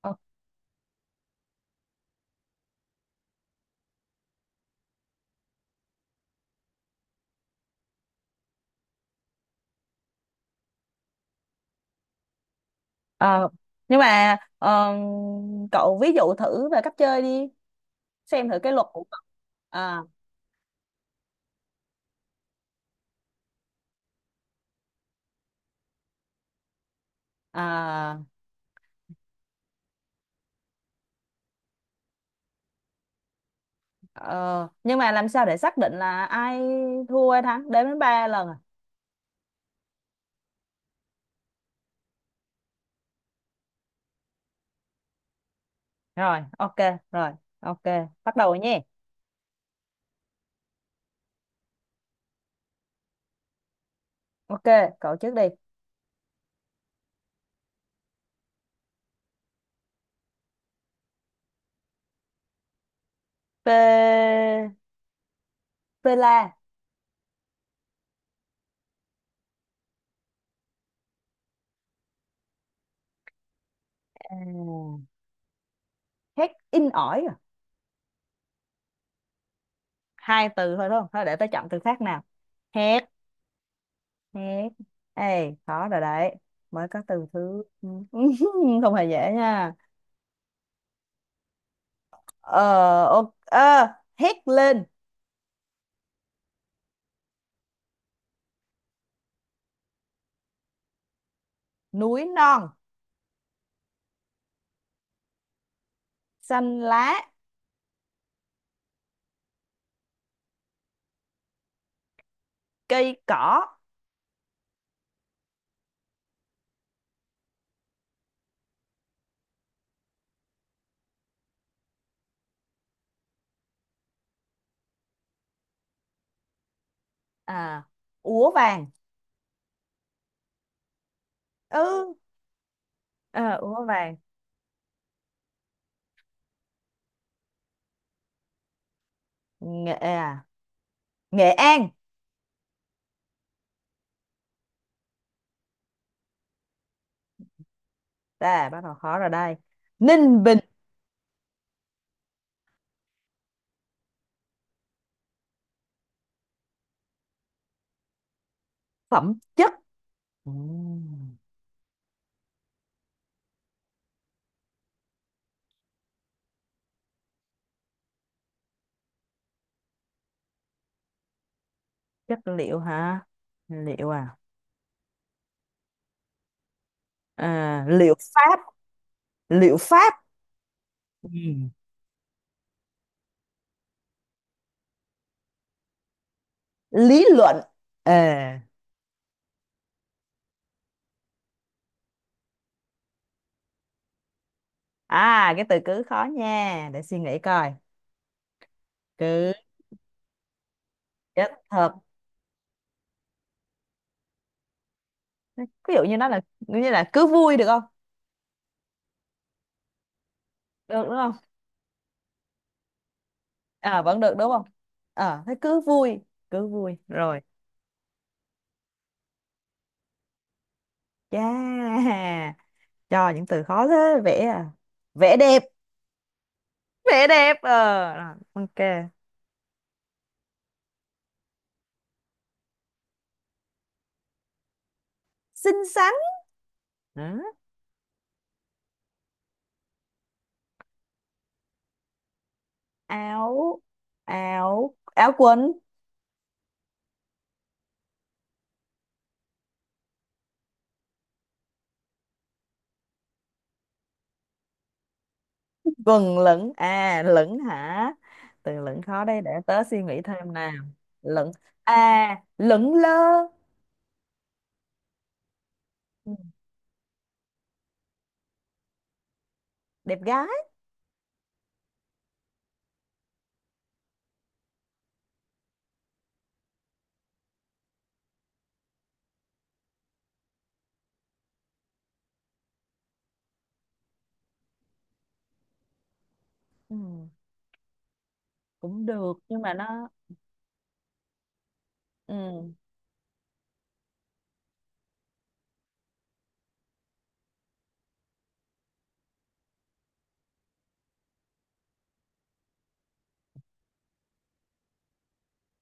Ờ, ờ. Nhưng mà cậu ví dụ thử về cách chơi đi, xem thử cái luật của cậu. à, à, ờ, nhưng mà làm sao để xác định là ai thua ai thắng, đếm đến ba lần à? Rồi, ok. Rồi, ok, bắt đầu rồi nhé. Ok, cậu trước đi. P, pela. À, hét in ỏi à? Hai từ thôi đúng không, thôi để tôi chọn từ khác nào. Hét. Hét. Ê khó rồi đấy, mới có từ thứ. Không hề dễ nha. Ờ, ok, hét lên. Núi non. Xanh lá. Cây cỏ. À úa vàng. Ừ. Ờ, úa vàng. Nghệ à, Nghệ An. À, bắt đầu khó rồi đây. Ninh Bình. Phẩm chất. Ừm, chất liệu hả. Liệu à, à liệu pháp. Liệu pháp. Ừm, lý luận. Ờ. À cái từ cứ khó nha, để suy nghĩ coi. Cứ chất thật, ví dụ như nó là như là cứ vui được không. Được đúng không, à vẫn được đúng không. Ờ thế cứ vui. Cứ vui rồi. Yeah, cho những từ khó thế. Vẽ à, vẽ đẹp. Vẽ đẹp ờ rồi, ok. Xinh xắn. Đó. Áo, áo quần. Quần lửng à, lửng hả, từ lửng khó đây để tớ suy nghĩ thêm nào. Lửng, à lửng lơ. Ừ, đẹp gái. Ừ, cũng được nhưng mà nó. Ừ.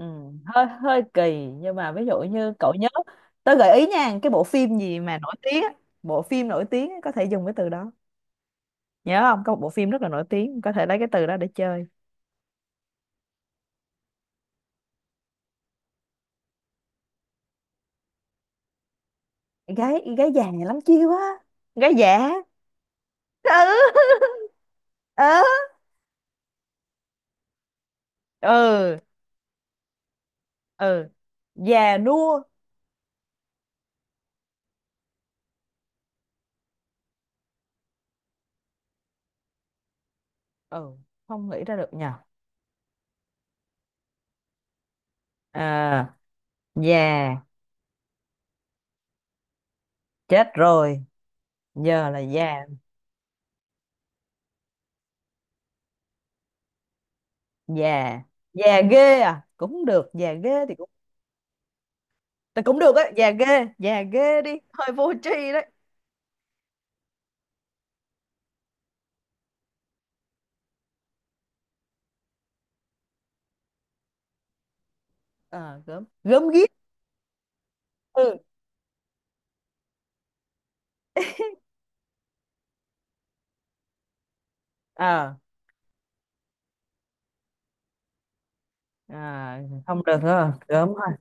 Ừ, hơi hơi kỳ nhưng mà ví dụ như cậu nhớ, tớ gợi ý nha, cái bộ phim gì mà nổi tiếng á, bộ phim nổi tiếng á, có thể dùng cái từ đó. Nhớ không, có một bộ phim rất là nổi tiếng, có thể lấy cái từ đó để chơi. Gái, gái già này lắm chiêu á. Gái già. Ừ. Ừ. Ừ. Ừ. Già nua. Ừ không nghĩ ra được nhờ. À già, chết rồi, giờ là già. Già. Già ghê à cũng được, già ghê thì cũng là cũng được á, già ghê đi, hơi vô tri đấy. Ờ, gớm, gớm ghiếc. Ừ. Ờ, à, không được rồi, gớm thôi.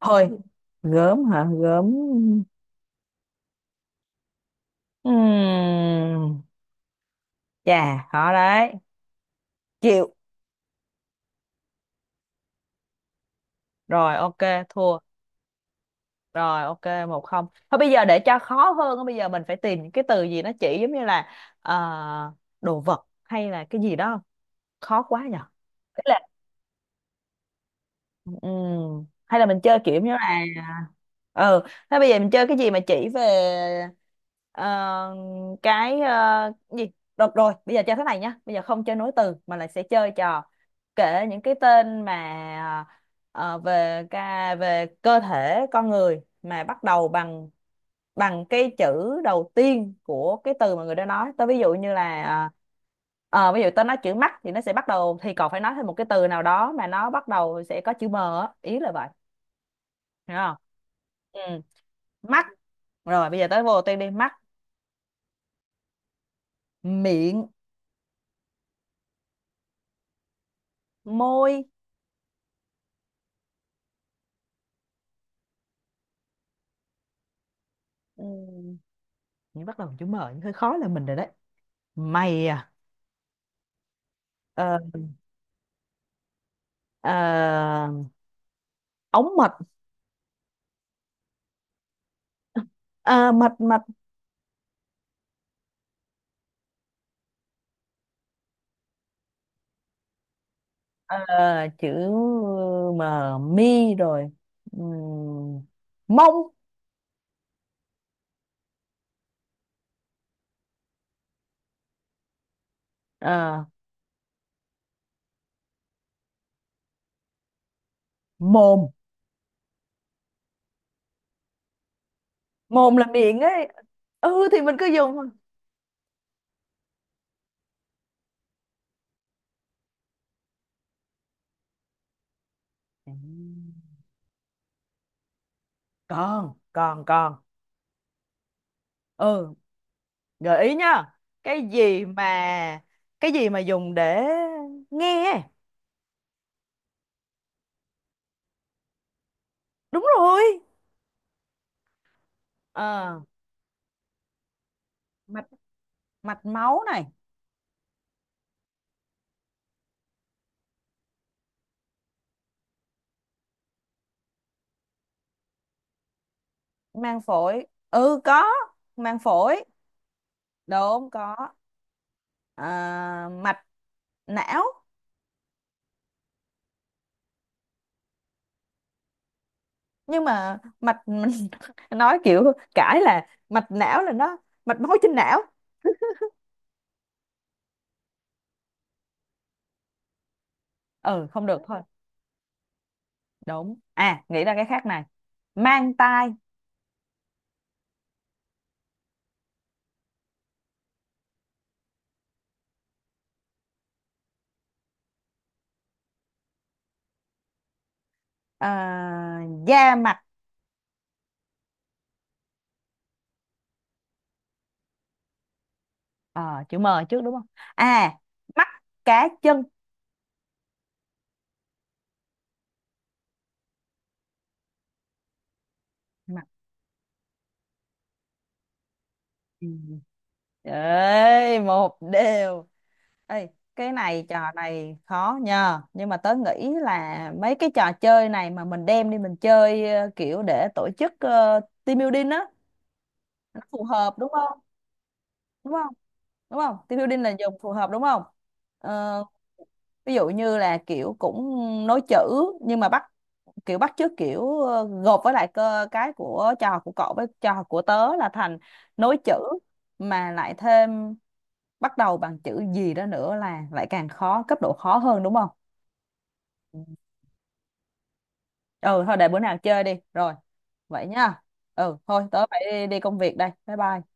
Thôi, gớm hả, gớm. Ừm, Chà, khó đấy. Chịu. Rồi, ok, thua. Rồi, ok, một không. Thôi bây giờ để cho khó hơn, á, bây giờ mình phải tìm những cái từ gì nó chỉ giống như là ờ, đồ vật hay là cái gì đó. Khó quá nhở. Ừ. Hay là mình chơi kiểu như là, ừ, thế bây giờ mình chơi cái gì mà chỉ về ờ, cái ờ, gì được rồi, bây giờ chơi thế này nhá, bây giờ không chơi nối từ mà là sẽ chơi trò kể những cái tên mà về về cơ thể con người mà bắt đầu bằng bằng cái chữ đầu tiên của cái từ mà người đó nói. Tao ví dụ như là, ví dụ tao nói chữ mắt thì nó sẽ bắt đầu, thì còn phải nói thêm một cái từ nào đó mà nó bắt đầu sẽ có chữ m á. Ý là vậy, hiểu không. Ừ. Mắt. Rồi bây giờ tới vô tên đi. Mắt. Miệng. Môi. Ừ. Những bắt đầu bằng chữ m những hơi khó là mình rồi đấy. Mày à. Ờ, ờ, ống mật. Ờ, mật. Mệt. Ờ, chữ M, mi rồi. Ừm, mông. Ờ, mồm. Mồm là miệng ấy. Ừ thì mình cứ dùng thôi. Ừm, con. Ừ, gợi ý nhá, cái gì mà, cái gì mà dùng để nghe. Đúng rồi. Ờ, mạch, mạch máu này. Mang phổi, ừ có. Mang phổi. Đúng có. À, mạch não. Nhưng mà mạch, nói kiểu cãi là mạch não là nó mạch máu trên não. Ừ không được thôi. Đúng, à nghĩ ra cái khác này. Mang tai. À, da mặt. Ờ, chữ M trước đúng không. À, mắt cá chân. Mặt. Ừ. Ê một đều. Ê, cái này trò này khó nhờ, nhưng mà tớ nghĩ là mấy cái trò chơi này mà mình đem đi mình chơi kiểu để tổ chức team building á, nó phù hợp đúng không. Đúng không, đúng không, team building là dùng phù hợp đúng không. Ờ, ví dụ như là kiểu cũng nối chữ nhưng mà bắt, kiểu bắt chước kiểu, gộp với lại cơ cái của trò học của cậu với trò học của tớ là thành nối chữ mà lại thêm bắt đầu bằng chữ gì đó nữa là lại càng khó cấp độ khó hơn đúng không. Ừ thôi để bữa nào chơi đi rồi, vậy nha. Ừ thôi tớ phải đi, đi công việc đây, bye bye.